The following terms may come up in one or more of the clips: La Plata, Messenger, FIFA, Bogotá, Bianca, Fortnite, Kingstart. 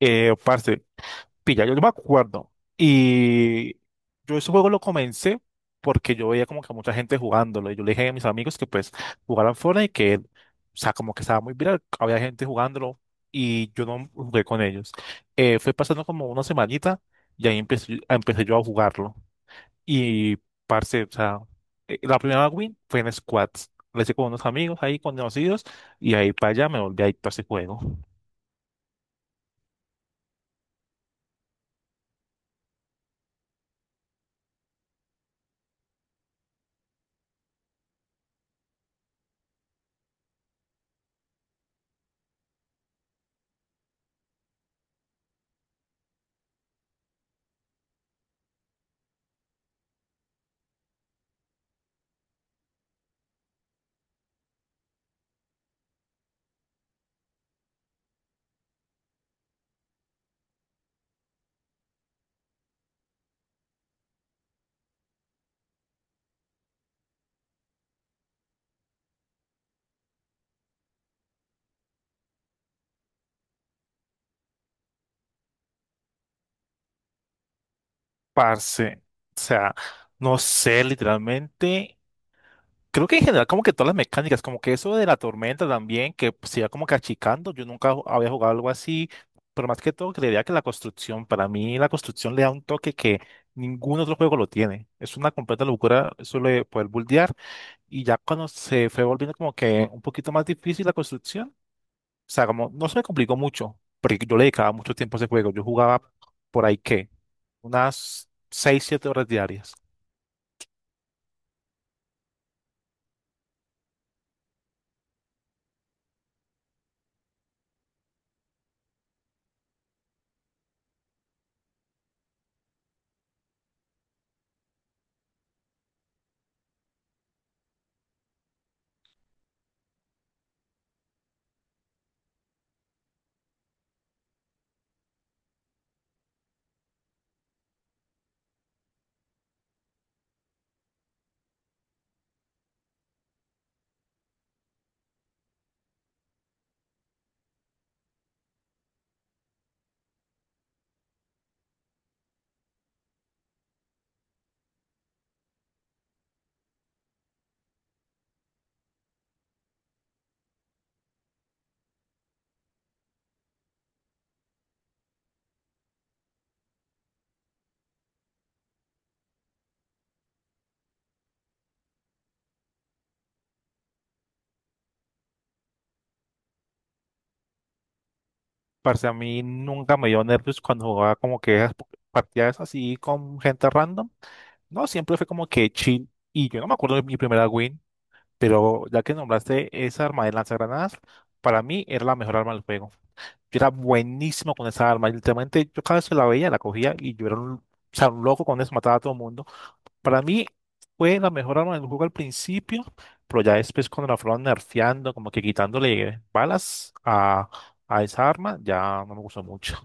Parce, pilla, yo me acuerdo. Y yo ese juego lo comencé porque yo veía como que mucha gente jugándolo. Y yo le dije a mis amigos que pues jugaran Fortnite y que, o sea, como que estaba muy viral. Había gente jugándolo y yo no jugué con ellos. Fue pasando como una semanita y ahí empecé yo a jugarlo. Y, parce, o sea, la primera win fue en squads. Lo hice con unos amigos ahí conocidos y ahí para allá me volví adicto a ese juego. Parce, o sea, no sé, literalmente, creo que en general como que todas las mecánicas, como que eso de la tormenta también, que pues, se iba como que achicando, yo nunca ju- había jugado algo así, pero más que todo creería que la construcción, para mí la construcción le da un toque que ningún otro juego lo tiene, es una completa locura eso de poder buldear, y ya cuando se fue volviendo como que un poquito más difícil la construcción, o sea, como no se me complicó mucho, porque yo le dedicaba mucho tiempo a ese juego, yo jugaba por ahí que unas 6 o 7 horas diarias. Parce, a mí nunca me dio nervios cuando jugaba como que partidas así con gente random. No, siempre fue como que chill. Y yo no me acuerdo de mi primera win, pero ya que nombraste esa arma de lanzagranadas, para mí era la mejor arma del juego. Yo era buenísimo con esa arma. Literalmente, yo cada vez que la veía, la cogía y yo era un, o sea, un loco con eso, mataba a todo el mundo. Para mí fue la mejor arma del juego al principio, pero ya después cuando la fueron nerfeando, como que quitándole balas a esa arma, ya no me gustó mucho.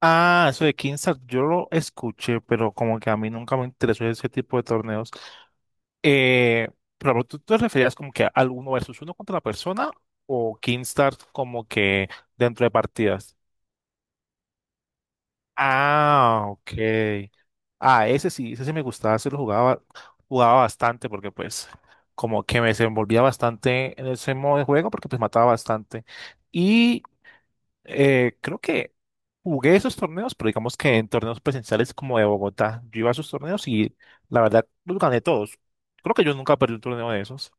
Ah, eso de Kingstart, yo lo escuché, pero como que a mí nunca me interesó ese tipo de torneos. Eh, pero tú te referías como que al uno versus uno contra la persona o Kingstart como que dentro de partidas. Ah, ok. Ah, ese sí me gustaba, ese lo jugaba, jugaba bastante porque pues como que me desenvolvía bastante en ese modo de juego porque pues mataba bastante. Creo que jugué esos torneos, pero digamos que en torneos presenciales como de Bogotá, yo iba a esos torneos y la verdad los gané todos. Creo que yo nunca perdí un torneo de esos.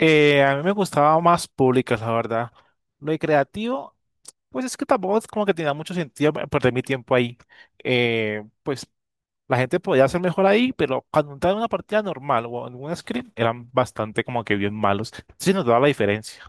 A mí me gustaba más públicas, la verdad. Lo de creativo, pues es que tampoco es como que tenía mucho sentido perder mi tiempo ahí. Pues la gente podía ser mejor ahí, pero cuando entraba en una partida normal o en un scrim, eran bastante como que bien malos. Sí nos daba la diferencia.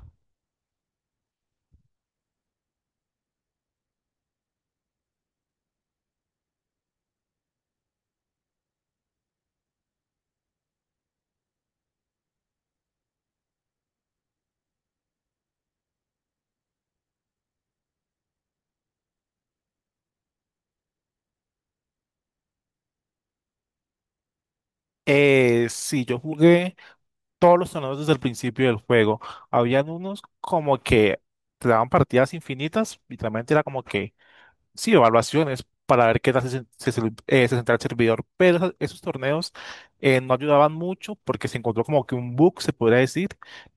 Sí, yo jugué todos los torneos desde el principio del juego. Habían unos como que te daban partidas infinitas, literalmente era como que, sí, evaluaciones para ver qué tal se sentía el servidor, pero esos torneos no ayudaban mucho porque se encontró como que un bug, se podría decir,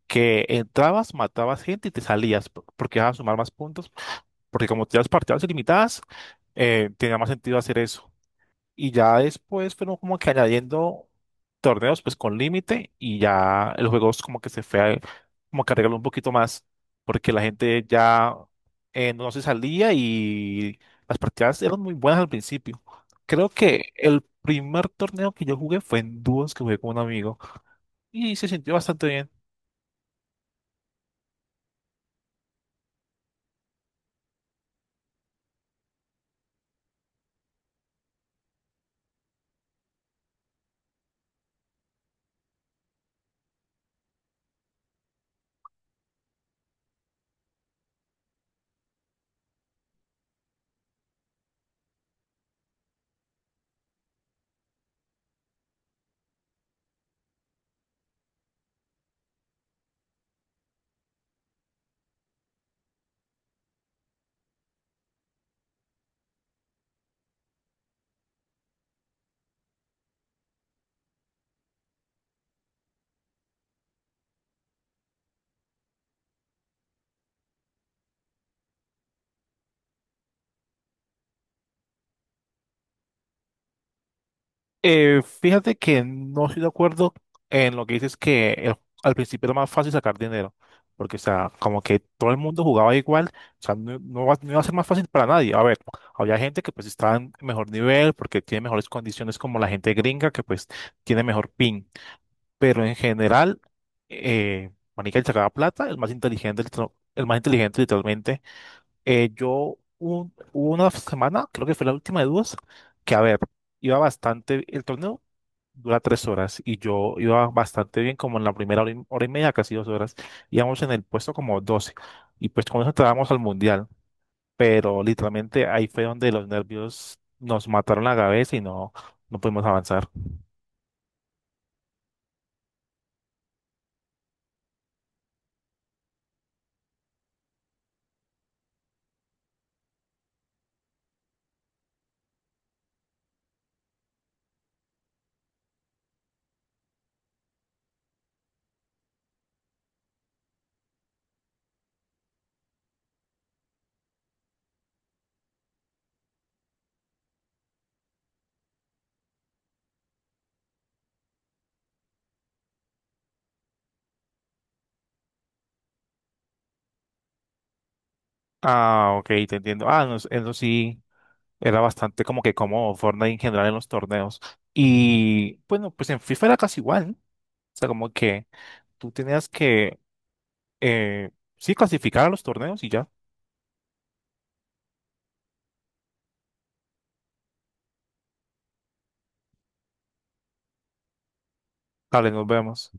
que entrabas, matabas gente y te porque ibas a sumar más puntos, porque como tenías partidas ilimitadas, tenía más sentido hacer eso. Y ya después fueron como que añadiendo torneos pues con límite y ya el juego es como que como que arregló un poquito más porque la gente ya no se salía y las partidas eran muy buenas al principio. Creo que el primer torneo que yo jugué fue en dúos que jugué con un amigo y se sintió bastante bien. Fíjate que no estoy de acuerdo en lo que dices al principio era más fácil sacar dinero, porque, o sea, como que todo el mundo jugaba igual, o sea, no iba a ser más fácil para nadie. A ver, había gente que pues estaba en mejor nivel porque tiene mejores condiciones como la gente gringa que pues tiene mejor ping, pero en general, eh, marica, el sacaba plata, el más inteligente, el más inteligente literalmente. Hubo una semana, creo que fue la última de dos, que a ver, iba bastante el torneo, dura 3 horas y yo iba bastante bien, como en la primera hora y, hora y media, casi 2 horas, íbamos en el puesto como 12 y pues con eso entrábamos al mundial, pero literalmente ahí fue donde los nervios nos mataron la cabeza y no, no pudimos avanzar. Ah, ok, te entiendo. Ah, no, eso sí, era bastante como que como Fortnite en general en los torneos. Y bueno, pues en FIFA era casi igual, ¿no? O sea, como que tú tenías que, eh, sí, clasificar a los torneos y ya. Vale, nos vemos.